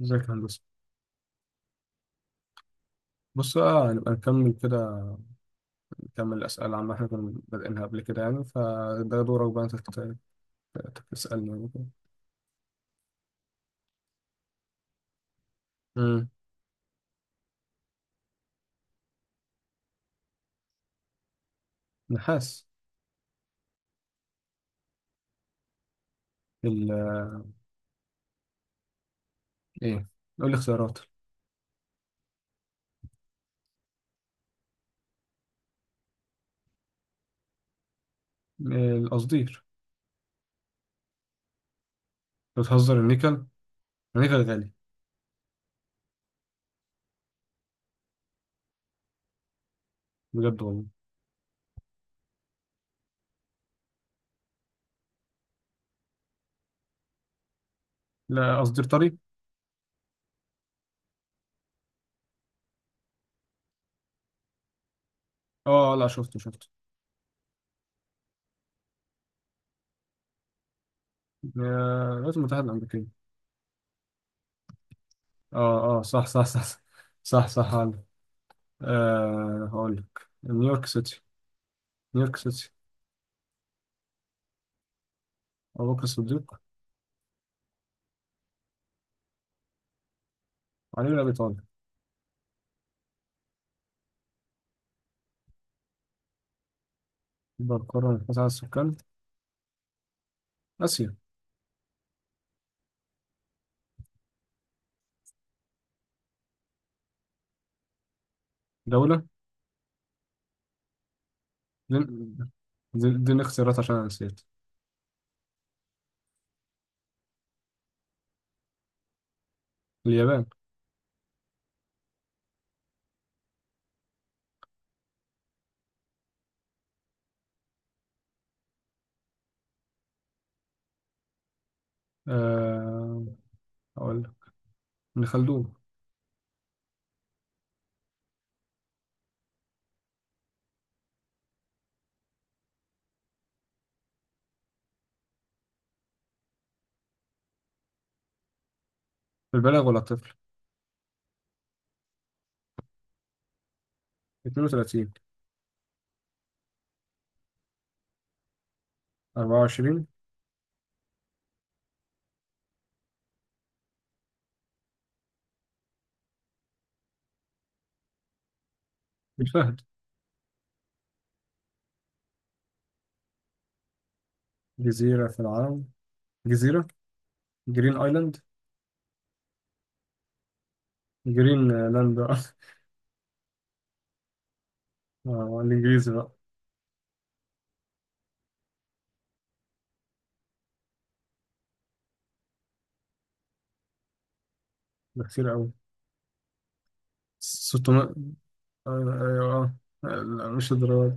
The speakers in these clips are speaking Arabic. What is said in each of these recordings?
ازيك يا هندسة؟ بص بقى هنبقى نكمل كده. نكمل الأسئلة عما احنا كنا بادئينها قبل كده يعني، فده دورك بقى انت تسألني يعني كده. امم. نحاس. ال ايه، قول لي اختيارات. القصدير. بتهزر، النيكل، النيكل غالي. بجد والله. لا قصدير طري. اه لا، شفته شفته. آه، الولايات المتحدة الأمريكية. اه اه، صح صح صح صح. صح، صح. عندك. هقول لك نيويورك سيتي. نيويورك سيتي. أبو بكر الصديق. علي بن أبي طالب. بالقرن التاسع على السكان. آسيا. دولة. دي, دي الاختيارات عشان أنا نسيت. اليابان. آه... أقول لك. ابن خلدون. البالغ ولا الطفل؟ 32. 24. الفهد. جزيرة في العالم. جزيرة. جرين آيلاند. جرين لاند. الإنجليزي بقى. ده كتير أوي. 600. آه أيوه. آه لا، مش الدرجة.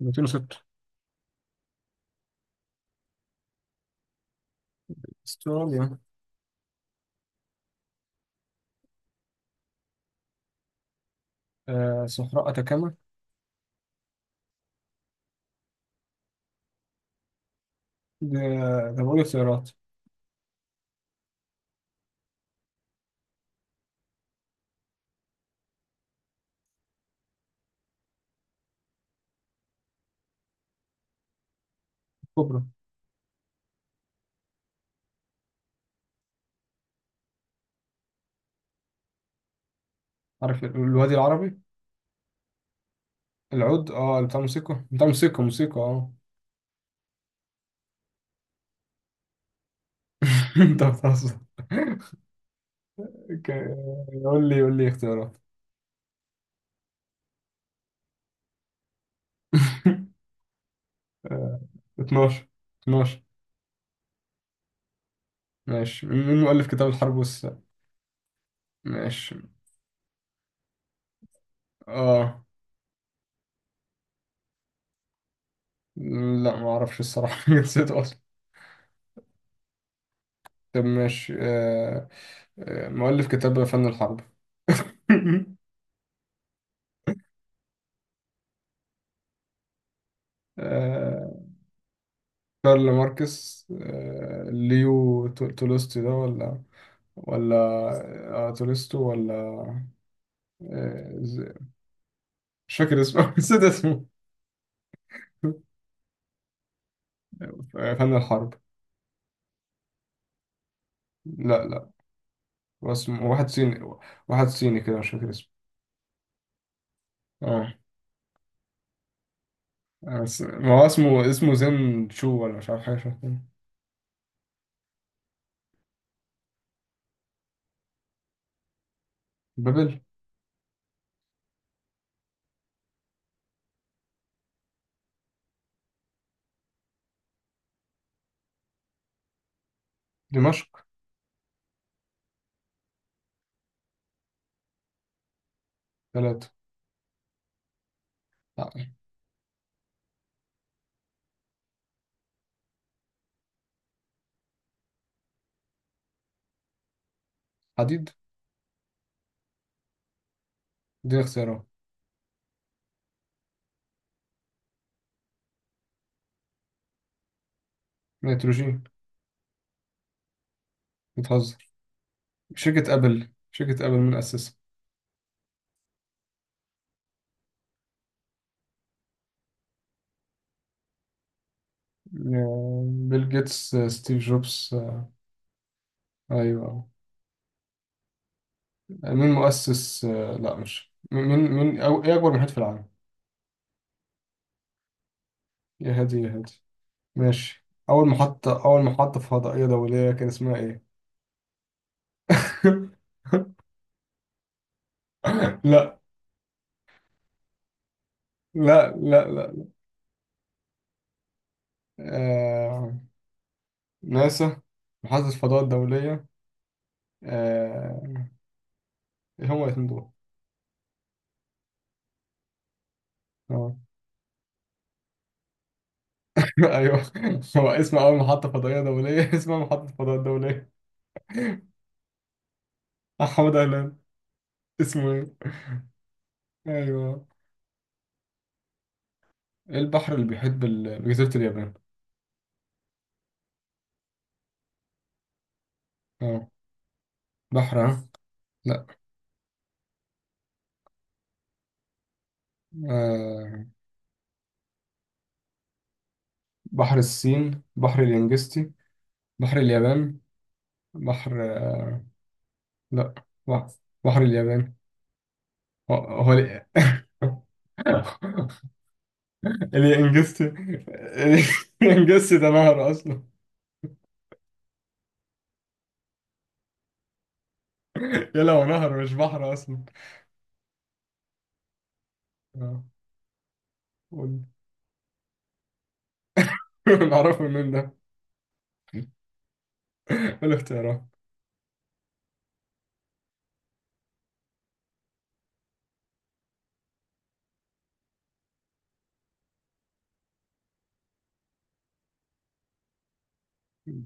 206. استراليا. صحراء أتاكاما. ده ده بقول اختيارات. كبرى. عارف الوادي العربي. العود بتاع موسيقى موسيقى اه انت بتهزر. ك- قول لي اختيارات. آه، 12. 12. ماشي، مين مؤلف كتاب الحرب والسلام؟ ماشي. اه، لا ما اعرفش الصراحة. نسيت اصلا. طب ماشي. مؤلف كتاب فن الحرب. آه. كارل ماركس، ليو تولستوي ده ولا ولا؟ تولستو ولا؟ آه، ز- مش فاكر اسمه. نسيت اسمه. فن الحرب. لا لا، هو اسمه واحد صيني. واحد صيني كده مش فاكر اسمه. اه. ما هو اسمه زين شو، ولا مش عارف حاجة شبه كده. بابل. دمشق. ثلاثة. لا، حديد. دي اختيارات. نيتروجين. بتهزر. شركة أبل من أسسها؟ بيل جيتس، ستيف جوبز. أيوه. مين مؤسس، لا مش مين أو إيه أكبر محيط في العالم؟ يا هادي يا هادي. ماشي، أول محطة فضائية دولية كان اسمها إيه؟ لا لا لا لا. آه... ناسا. محطة الفضاء الدولية. آه... إيه هما الاتنين دول؟ آه. أيوه. هو اسم أول محطة فضائية دولية اسمها محطة الفضاء الدولية. محمد أهلان. اسمه إيه؟ أيوه. إيه البحر اللي بيحيط بجزيرة اليابان؟ آه. بحر لا. آه... بحر الصين، بحر اليانجستي، بحر اليابان، بحر لا، بحر بحر اليابان. هو هو ليه؟ اللي انجزت، انجزت ده نهر اصلا. يلا هو نهر مش بحر اصلا. آه، قول. نعرفه منين ده؟ إيه الاختيارات؟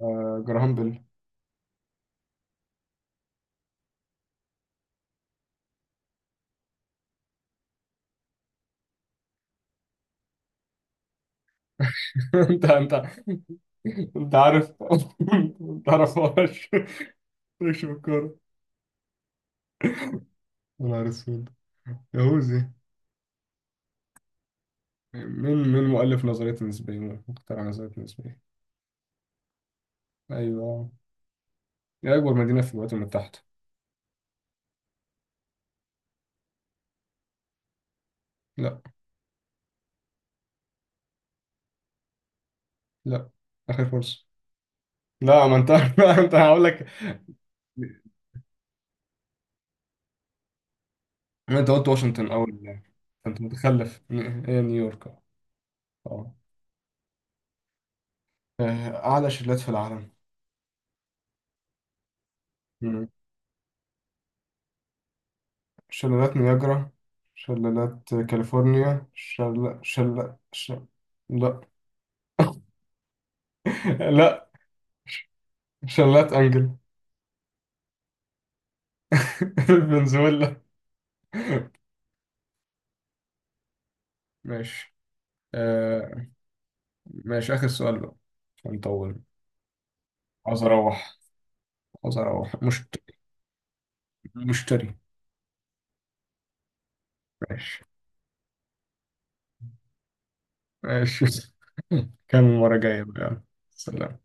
جراهام بيل. انت. انت عارف. انت عارفهاش. مش في الكورة. يا نهار اسود. يهوذي. مين مؤلف نظرية النسبية مخترع نظرية النسبية. ايوه. هي اكبر مدينة في الولايات المتحدة. لا. لا، آخر فرصة. لا ما أنت ما أنت هقول لك. ما أنت قلت واشنطن أول. أنت متخلف، هي نيويورك. أه. آه، أعلى شلالات في العالم. مم. شلالات نياجرا، شلالات كاليفورنيا، شل شل شل لا. لا، شلالات أنجل. فنزويلا. ماشي. آه. ماشي آخر سؤال بقى عشان نطول. عاوز أروح. عاوز أروح مشتري. ماشي. ماشي. كان المرة جاية بقى. سلام.